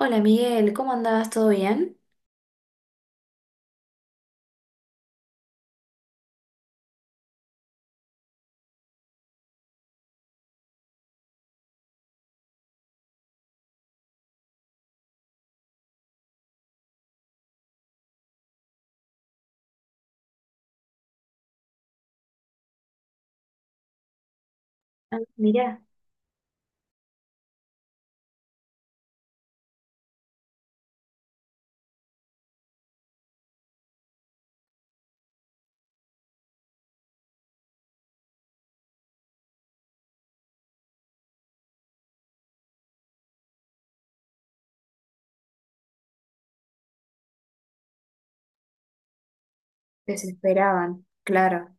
Hola Miguel, ¿cómo andabas? ¿Todo bien? Ah, mirá, desesperaban, claro.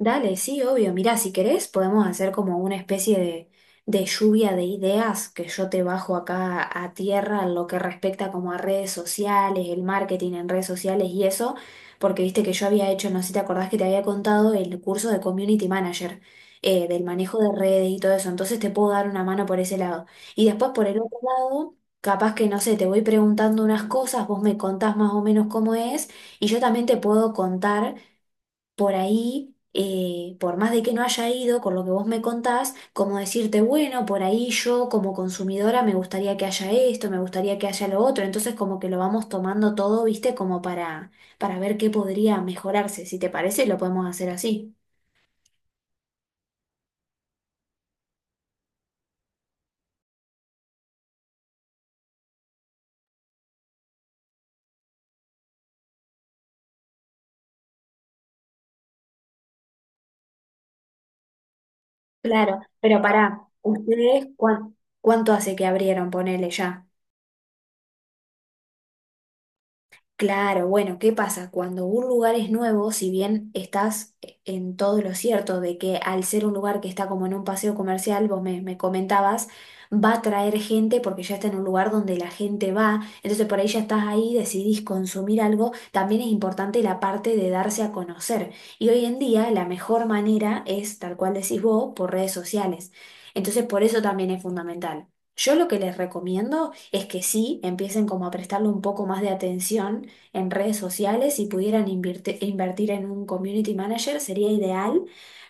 Dale, sí, obvio. Mirá, si querés, podemos hacer como una especie de lluvia de ideas que yo te bajo acá a tierra en lo que respecta como a redes sociales, el marketing en redes sociales y eso, porque viste que yo había hecho, no sé si te acordás que te había contado el curso de Community Manager, del manejo de redes y todo eso, entonces te puedo dar una mano por ese lado. Y después por el otro lado, capaz que, no sé, te voy preguntando unas cosas, vos me contás más o menos cómo es, y yo también te puedo contar por ahí, por más de que no haya ido, con lo que vos me contás, como decirte, bueno, por ahí yo como consumidora me gustaría que haya esto, me gustaría que haya lo otro, entonces como que lo vamos tomando todo, viste, como para ver qué podría mejorarse. Si te parece, lo podemos hacer así. Claro, pero pará, ¿ cuánto hace que abrieron, ponele ya? Claro, bueno, ¿qué pasa? Cuando un lugar es nuevo, si bien estás en todo lo cierto de que al ser un lugar que está como en un paseo comercial, vos me comentabas, va a traer gente porque ya está en un lugar donde la gente va, entonces por ahí ya estás ahí, decidís consumir algo, también es importante la parte de darse a conocer. Y hoy en día la mejor manera es, tal cual decís vos, por redes sociales. Entonces por eso también es fundamental. Yo lo que les recomiendo es que sí empiecen como a prestarle un poco más de atención en redes sociales, si pudieran invertir en un community manager sería ideal,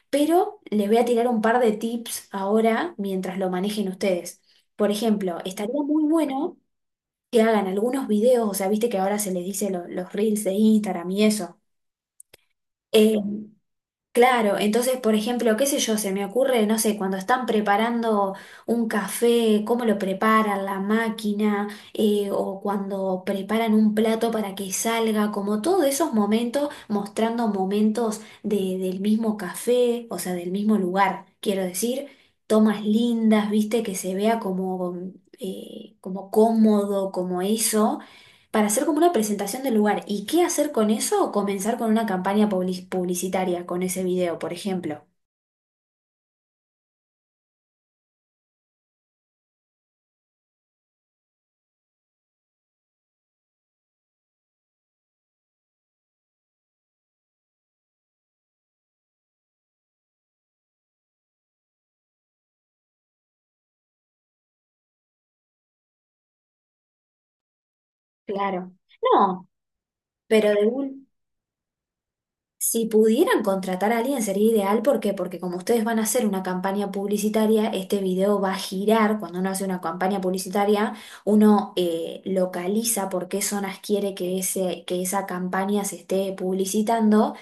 pero les voy a tirar un par de tips ahora mientras lo manejen ustedes. Por ejemplo, estaría muy bueno que hagan algunos videos, o sea, viste que ahora se les dice los reels de Instagram y eso. Eh, Claro, entonces, por ejemplo, qué sé yo, se me ocurre, no sé, cuando están preparando un café, cómo lo preparan la máquina, o cuando preparan un plato para que salga, como todos esos momentos, mostrando momentos del mismo café, o sea, del mismo lugar, quiero decir, tomas lindas, viste, que se vea como, como cómodo, como eso para hacer como una presentación del lugar. ¿Y qué hacer con eso? O comenzar con una campaña publicitaria, con ese video, por ejemplo. Claro. No, pero de un... Si pudieran contratar a alguien sería ideal, ¿por qué? Porque como ustedes van a hacer una campaña publicitaria, este video va a girar. Cuando uno hace una campaña publicitaria, uno localiza por qué zonas quiere que, ese, que esa campaña se esté publicitando.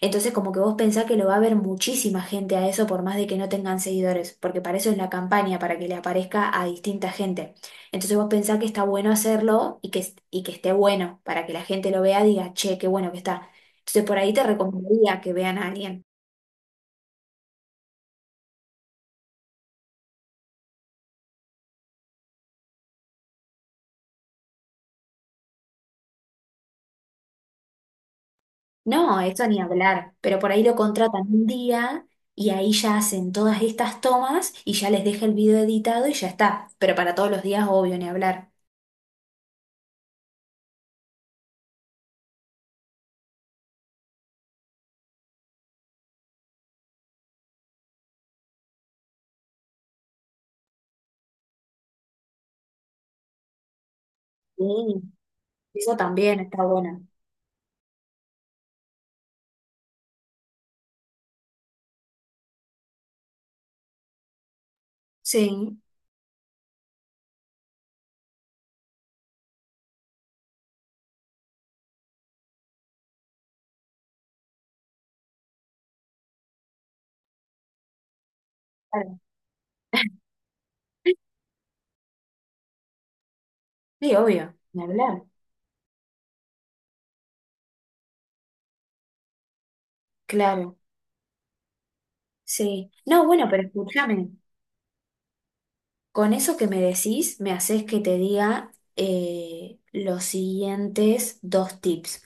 Entonces como que vos pensás que lo va a ver muchísima gente a eso por más de que no tengan seguidores, porque para eso es la campaña, para que le aparezca a distinta gente. Entonces vos pensás que está bueno hacerlo y que esté bueno, para que la gente lo vea y diga, che, qué bueno que está. Entonces por ahí te recomendaría que vean a alguien. No, eso ni hablar, pero por ahí lo contratan un día y ahí ya hacen todas estas tomas y ya les deja el video editado y ya está. Pero para todos los días, obvio, ni hablar. Sí, eso también está bueno. Sí, claro. Sí, obvio, ni hablar, claro, sí. No, bueno, pero escúchame, con eso que me decís, me haces que te diga los siguientes dos tips.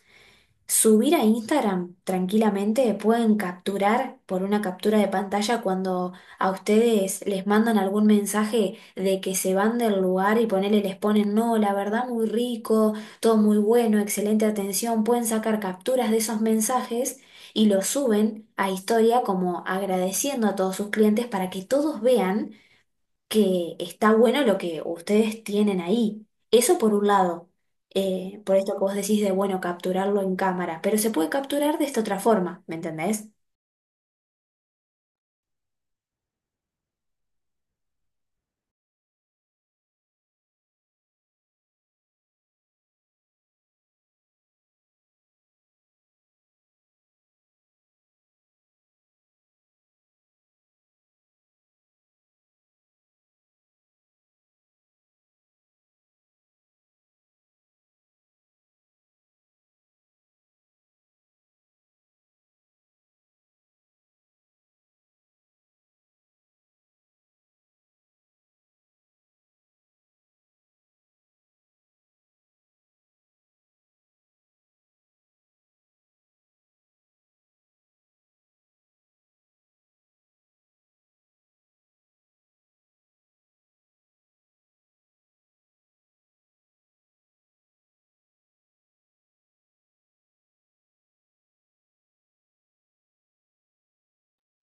Subir a Instagram tranquilamente, pueden capturar por una captura de pantalla cuando a ustedes les mandan algún mensaje de que se van del lugar y ponele, les ponen, no, la verdad muy rico, todo muy bueno, excelente atención, pueden sacar capturas de esos mensajes y los suben a historia como agradeciendo a todos sus clientes para que todos vean que está bueno lo que ustedes tienen ahí. Eso por un lado, por esto que vos decís de, bueno, capturarlo en cámara, pero se puede capturar de esta otra forma, ¿me entendés?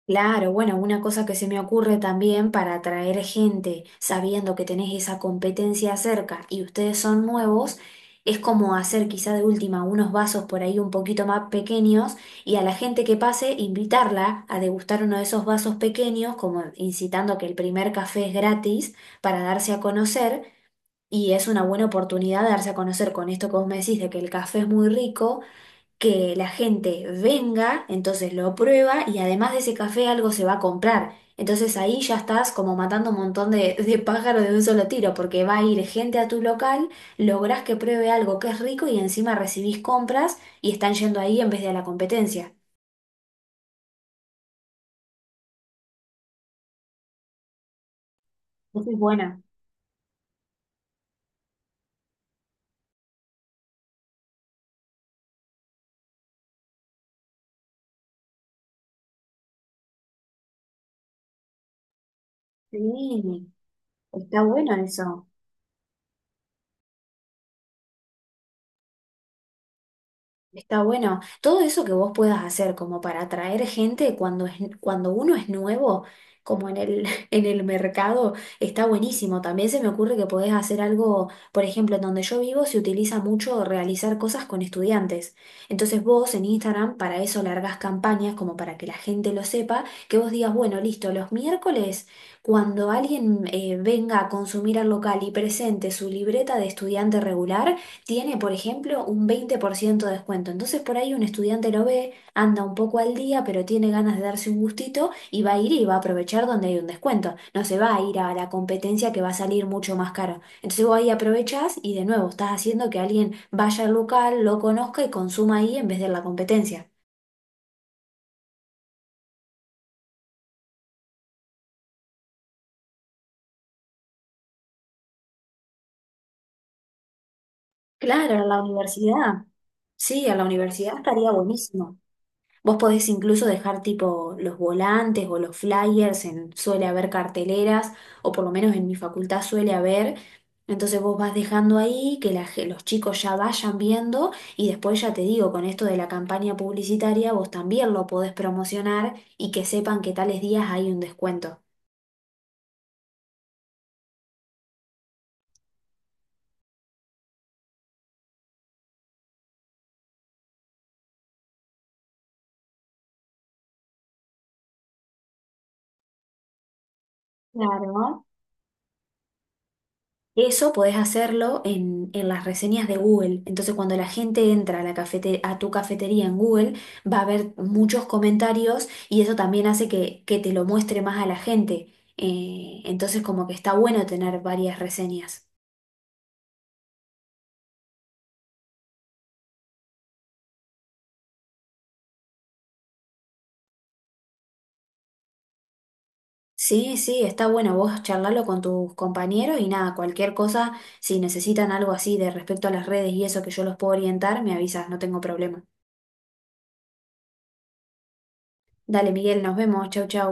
Claro, bueno, una cosa que se me ocurre también para atraer gente, sabiendo que tenés esa competencia cerca y ustedes son nuevos, es como hacer quizá de última unos vasos por ahí un poquito más pequeños y a la gente que pase invitarla a degustar uno de esos vasos pequeños, como incitando que el primer café es gratis para darse a conocer y es una buena oportunidad de darse a conocer con esto que vos me decís de que el café es muy rico, que la gente venga, entonces lo prueba y además de ese café algo se va a comprar. Entonces ahí ya estás como matando un montón de, de pájaros de un solo tiro, porque va a ir gente a tu local, lográs que pruebe algo que es rico y encima recibís compras y están yendo ahí en vez de a la competencia. Eso es buena. Sí, está bueno eso. Está bueno. Todo eso que vos puedas hacer como para atraer gente cuando es, cuando uno es nuevo, como en el, en el mercado, está buenísimo. También se me ocurre que podés hacer algo, por ejemplo, en donde yo vivo se utiliza mucho realizar cosas con estudiantes. Entonces vos en Instagram para eso largas campañas como para que la gente lo sepa, que vos digas, bueno, listo, los miércoles cuando alguien venga a consumir al local y presente su libreta de estudiante regular, tiene, por ejemplo, un 20% de descuento. Entonces por ahí un estudiante lo ve, anda un poco al día, pero tiene ganas de darse un gustito y va a ir y va a aprovechar donde hay un descuento. No se va a ir a la competencia que va a salir mucho más caro. Entonces vos ahí aprovechás y de nuevo estás haciendo que alguien vaya al local, lo conozca y consuma ahí en vez de en la competencia. Claro, a la universidad. Sí, a la universidad estaría buenísimo. Vos podés incluso dejar tipo los volantes o los flyers, en, suele haber carteleras, o por lo menos en mi facultad suele haber. Entonces vos vas dejando ahí que los chicos ya vayan viendo y después ya te digo, con esto de la campaña publicitaria, vos también lo podés promocionar y que sepan que tales días hay un descuento. Claro. Eso podés hacerlo en las reseñas de Google. Entonces, cuando la gente entra a, a tu cafetería en Google, va a haber muchos comentarios y eso también hace que te lo muestre más a la gente. Entonces, como que está bueno tener varias reseñas. Sí, sí, está bueno vos charlarlo con tus compañeros y nada, cualquier cosa, si necesitan algo así de respecto a las redes y eso que yo los puedo orientar, me avisas, no tengo problema. Dale, Miguel, nos vemos, chau, chau.